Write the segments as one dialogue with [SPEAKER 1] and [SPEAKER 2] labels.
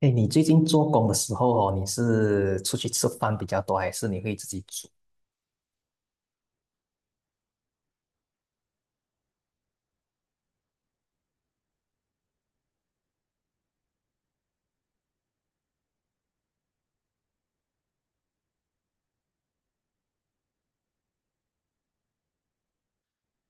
[SPEAKER 1] 哎，你最近做工的时候哦，你是出去吃饭比较多，还是你会自己煮？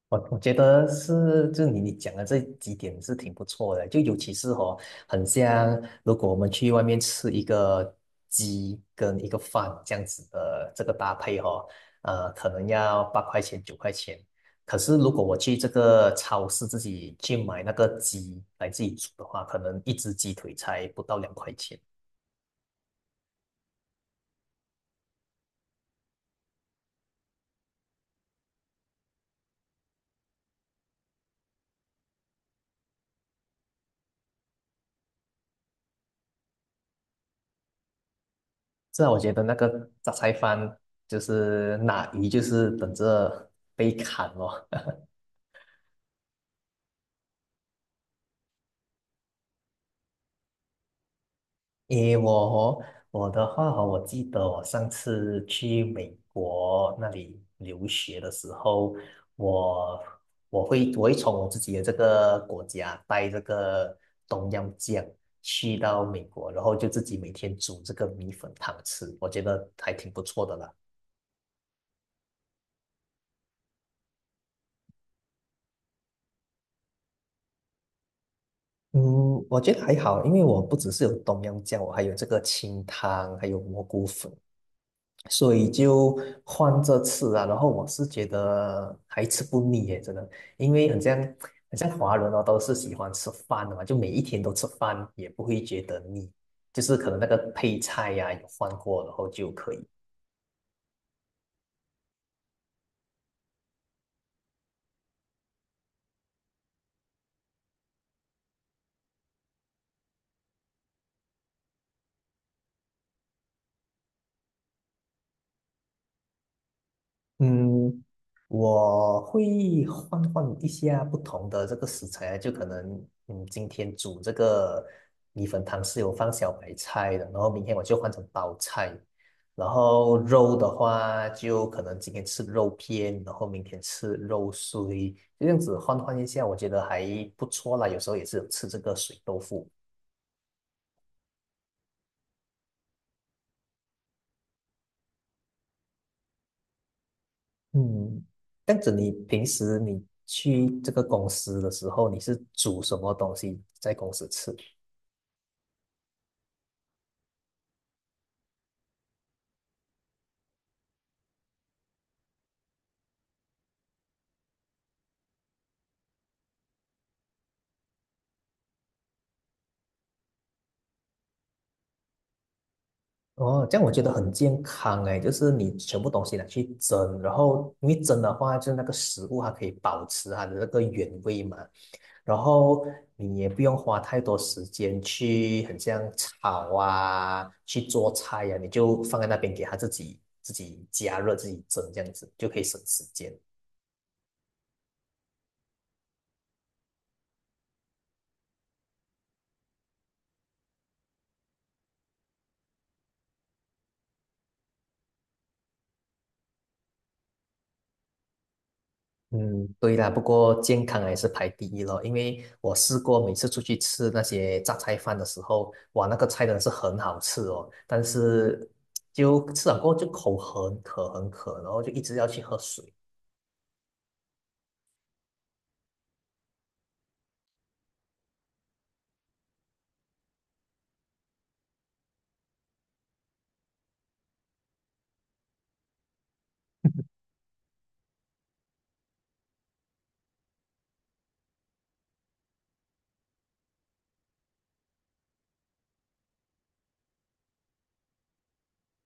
[SPEAKER 1] 我觉得是，就你讲的这几点是挺不错的，就尤其是哦，很像如果我们去外面吃一个鸡跟一个饭这样子的这个搭配哦，可能要8块钱9块钱。可是如果我去这个超市自己去买那个鸡来自己煮的话，可能一只鸡腿才不到2块钱。是啊，我觉得那个杂菜饭就是拿鱼，就是等着被砍哦。诶，我的话哦，我记得我上次去美国那里留学的时候，我我会从我自己的这个国家带这个东阳酱去到美国，然后就自己每天煮这个米粉汤吃，我觉得还挺不错的啦。嗯，我觉得还好，因为我不只是有东阳酱，我还有这个清汤，还有蘑菇粉，所以就换着吃啊。然后我是觉得还吃不腻耶，真的，因为很像华人哦，都是喜欢吃饭的嘛，就每一天都吃饭，也不会觉得腻，就是可能那个配菜呀、有换过，然后就可以。嗯，我会换换一下不同的这个食材啊，就可能今天煮这个米粉汤是有放小白菜的，然后明天我就换成包菜，然后肉的话就可能今天吃肉片，然后明天吃肉碎，就这样子换换一下，我觉得还不错啦。有时候也是有吃这个水豆腐。嗯，这样子你平时你去这个公司的时候，你是煮什么东西在公司吃？哦，这样我觉得很健康哎，就是你全部东西拿去蒸，然后因为蒸的话，就是那个食物它可以保持它的那个原味嘛，然后你也不用花太多时间去很像炒啊，去做菜呀、你就放在那边给它自己加热、自己蒸这样子，就可以省时间。嗯，对啦，不过健康还是排第一咯，因为我试过每次出去吃那些榨菜饭的时候，哇，那个菜真的是很好吃哦，但是就吃了过后就口很渴很渴，然后就一直要去喝水。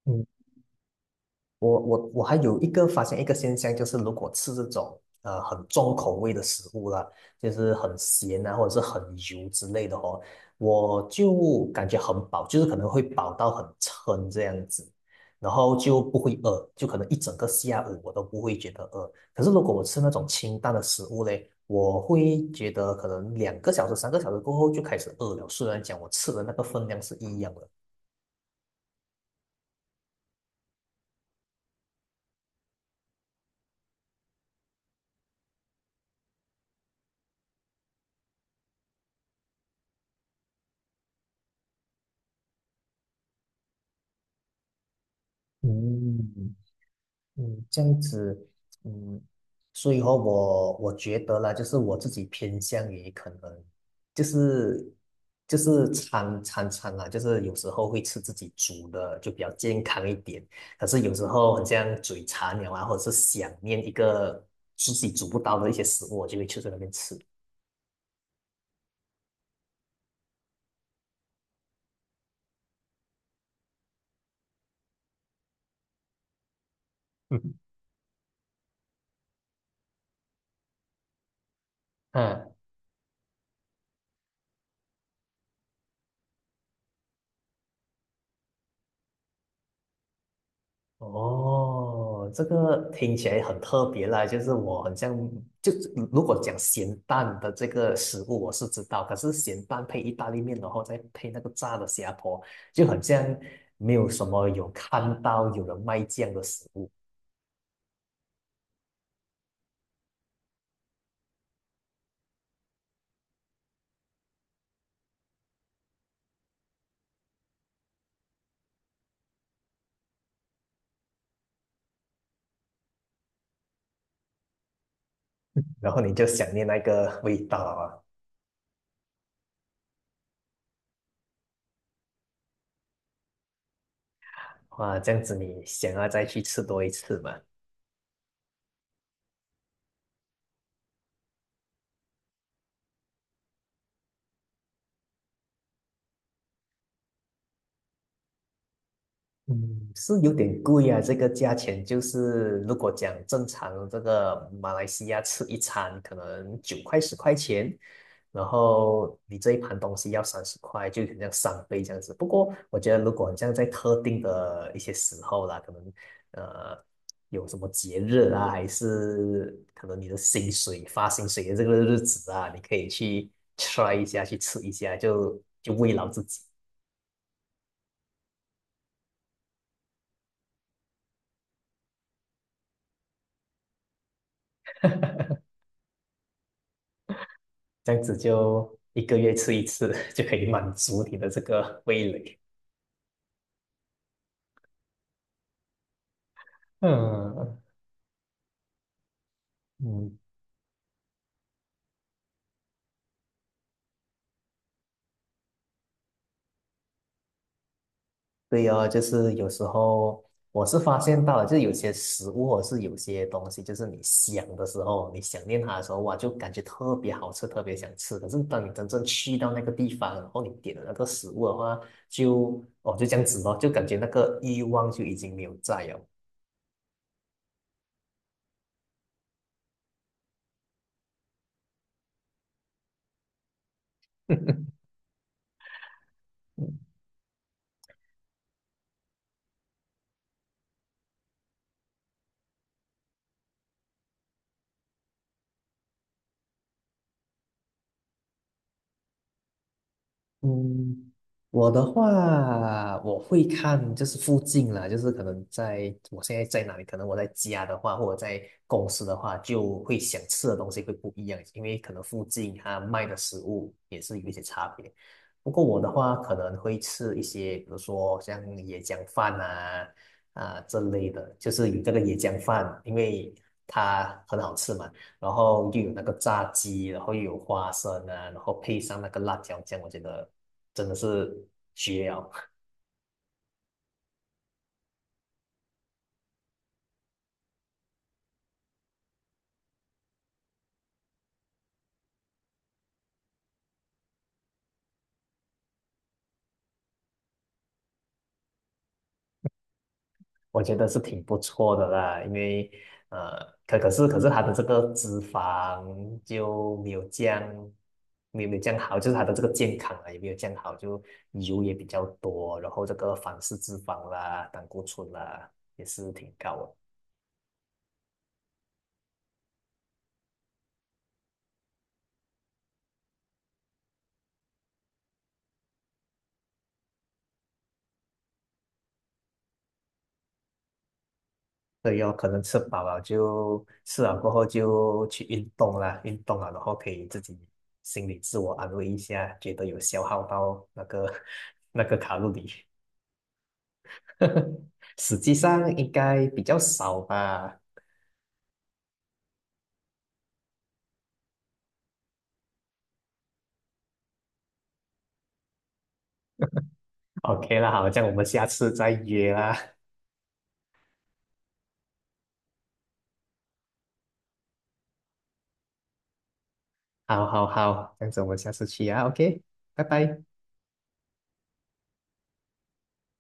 [SPEAKER 1] 嗯。我还有一个发现一个现象，就是如果吃这种很重口味的食物啦，就是很咸啊，或者是很油之类的哦，我就感觉很饱，就是可能会饱到很撑这样子，然后就不会饿，就可能一整个下午我都不会觉得饿。可是如果我吃那种清淡的食物嘞，我会觉得可能2个小时、3个小时过后就开始饿了，虽然讲我吃的那个分量是一样的。嗯，嗯，这样子，嗯，所以哦，我觉得啦，就是我自己偏向于可能，就是就是餐餐餐啦，就是有时候会吃自己煮的，就比较健康一点。可是有时候很像嘴馋了啊，或者是想念一个自己煮不到的一些食物，我就会去在那边吃。嗯，哦，这个听起来很特别啦，就是我很像，就如果讲咸蛋的这个食物我是知道，可是咸蛋配意大利面，然后再配那个炸的虾婆，就很像没有什么有看到有人卖这样的食物，然后你就想念那个味道啊，哇，这样子你想要再去吃多一次嘛？嗯，是有点贵啊，这个价钱就是如果讲正常这个马来西亚吃一餐可能9块10块钱，然后你这一盘东西要30块，就很像3倍这样子。不过我觉得如果这样在特定的一些时候啦，可能呃有什么节日啊，还是可能你的薪水发薪水的这个日子啊，你可以去 try 一下，去吃一下，就慰劳自己。这样子就一个月吃一次，就可以满足你的这个味蕾。嗯嗯，对哦，就是有时候我是发现到了，就是有些食物或是有些东西，就是你想的时候，你想念它的时候，哇，就感觉特别好吃，特别想吃。可是当你真正去到那个地方，然后你点了那个食物的话，就哦就这样子咯，就感觉那个欲望就已经没有在了。嗯，我的话，我会看就是附近啦，就是可能在我现在在哪里，可能我在家的话，或者在公司的话，就会想吃的东西会不一样，因为可能附近它卖的食物也是有一些差别。不过我的话，可能会吃一些，比如说像椰浆饭啊这类的，就是有这个椰浆饭，因为它很好吃嘛，然后又有那个炸鸡，然后又有花生啊，然后配上那个辣椒酱，我觉得真的是绝了，我觉得是挺不错的啦。因为可是它的这个脂肪就没有降，没有这样好，就是它的这个健康啊也没有降好，就油也比较多，然后这个反式脂肪啦、胆固醇啦也是挺高的。对有可能吃饱了就吃了过后就去运动啦，运动了，然后可以自己心里自我安慰一下，觉得有消耗到那个 那个卡路里，实际上应该比较少吧。OK 啦，好，这样我们下次再约啦。好好好，这样子我们下次去啊，OK，拜拜。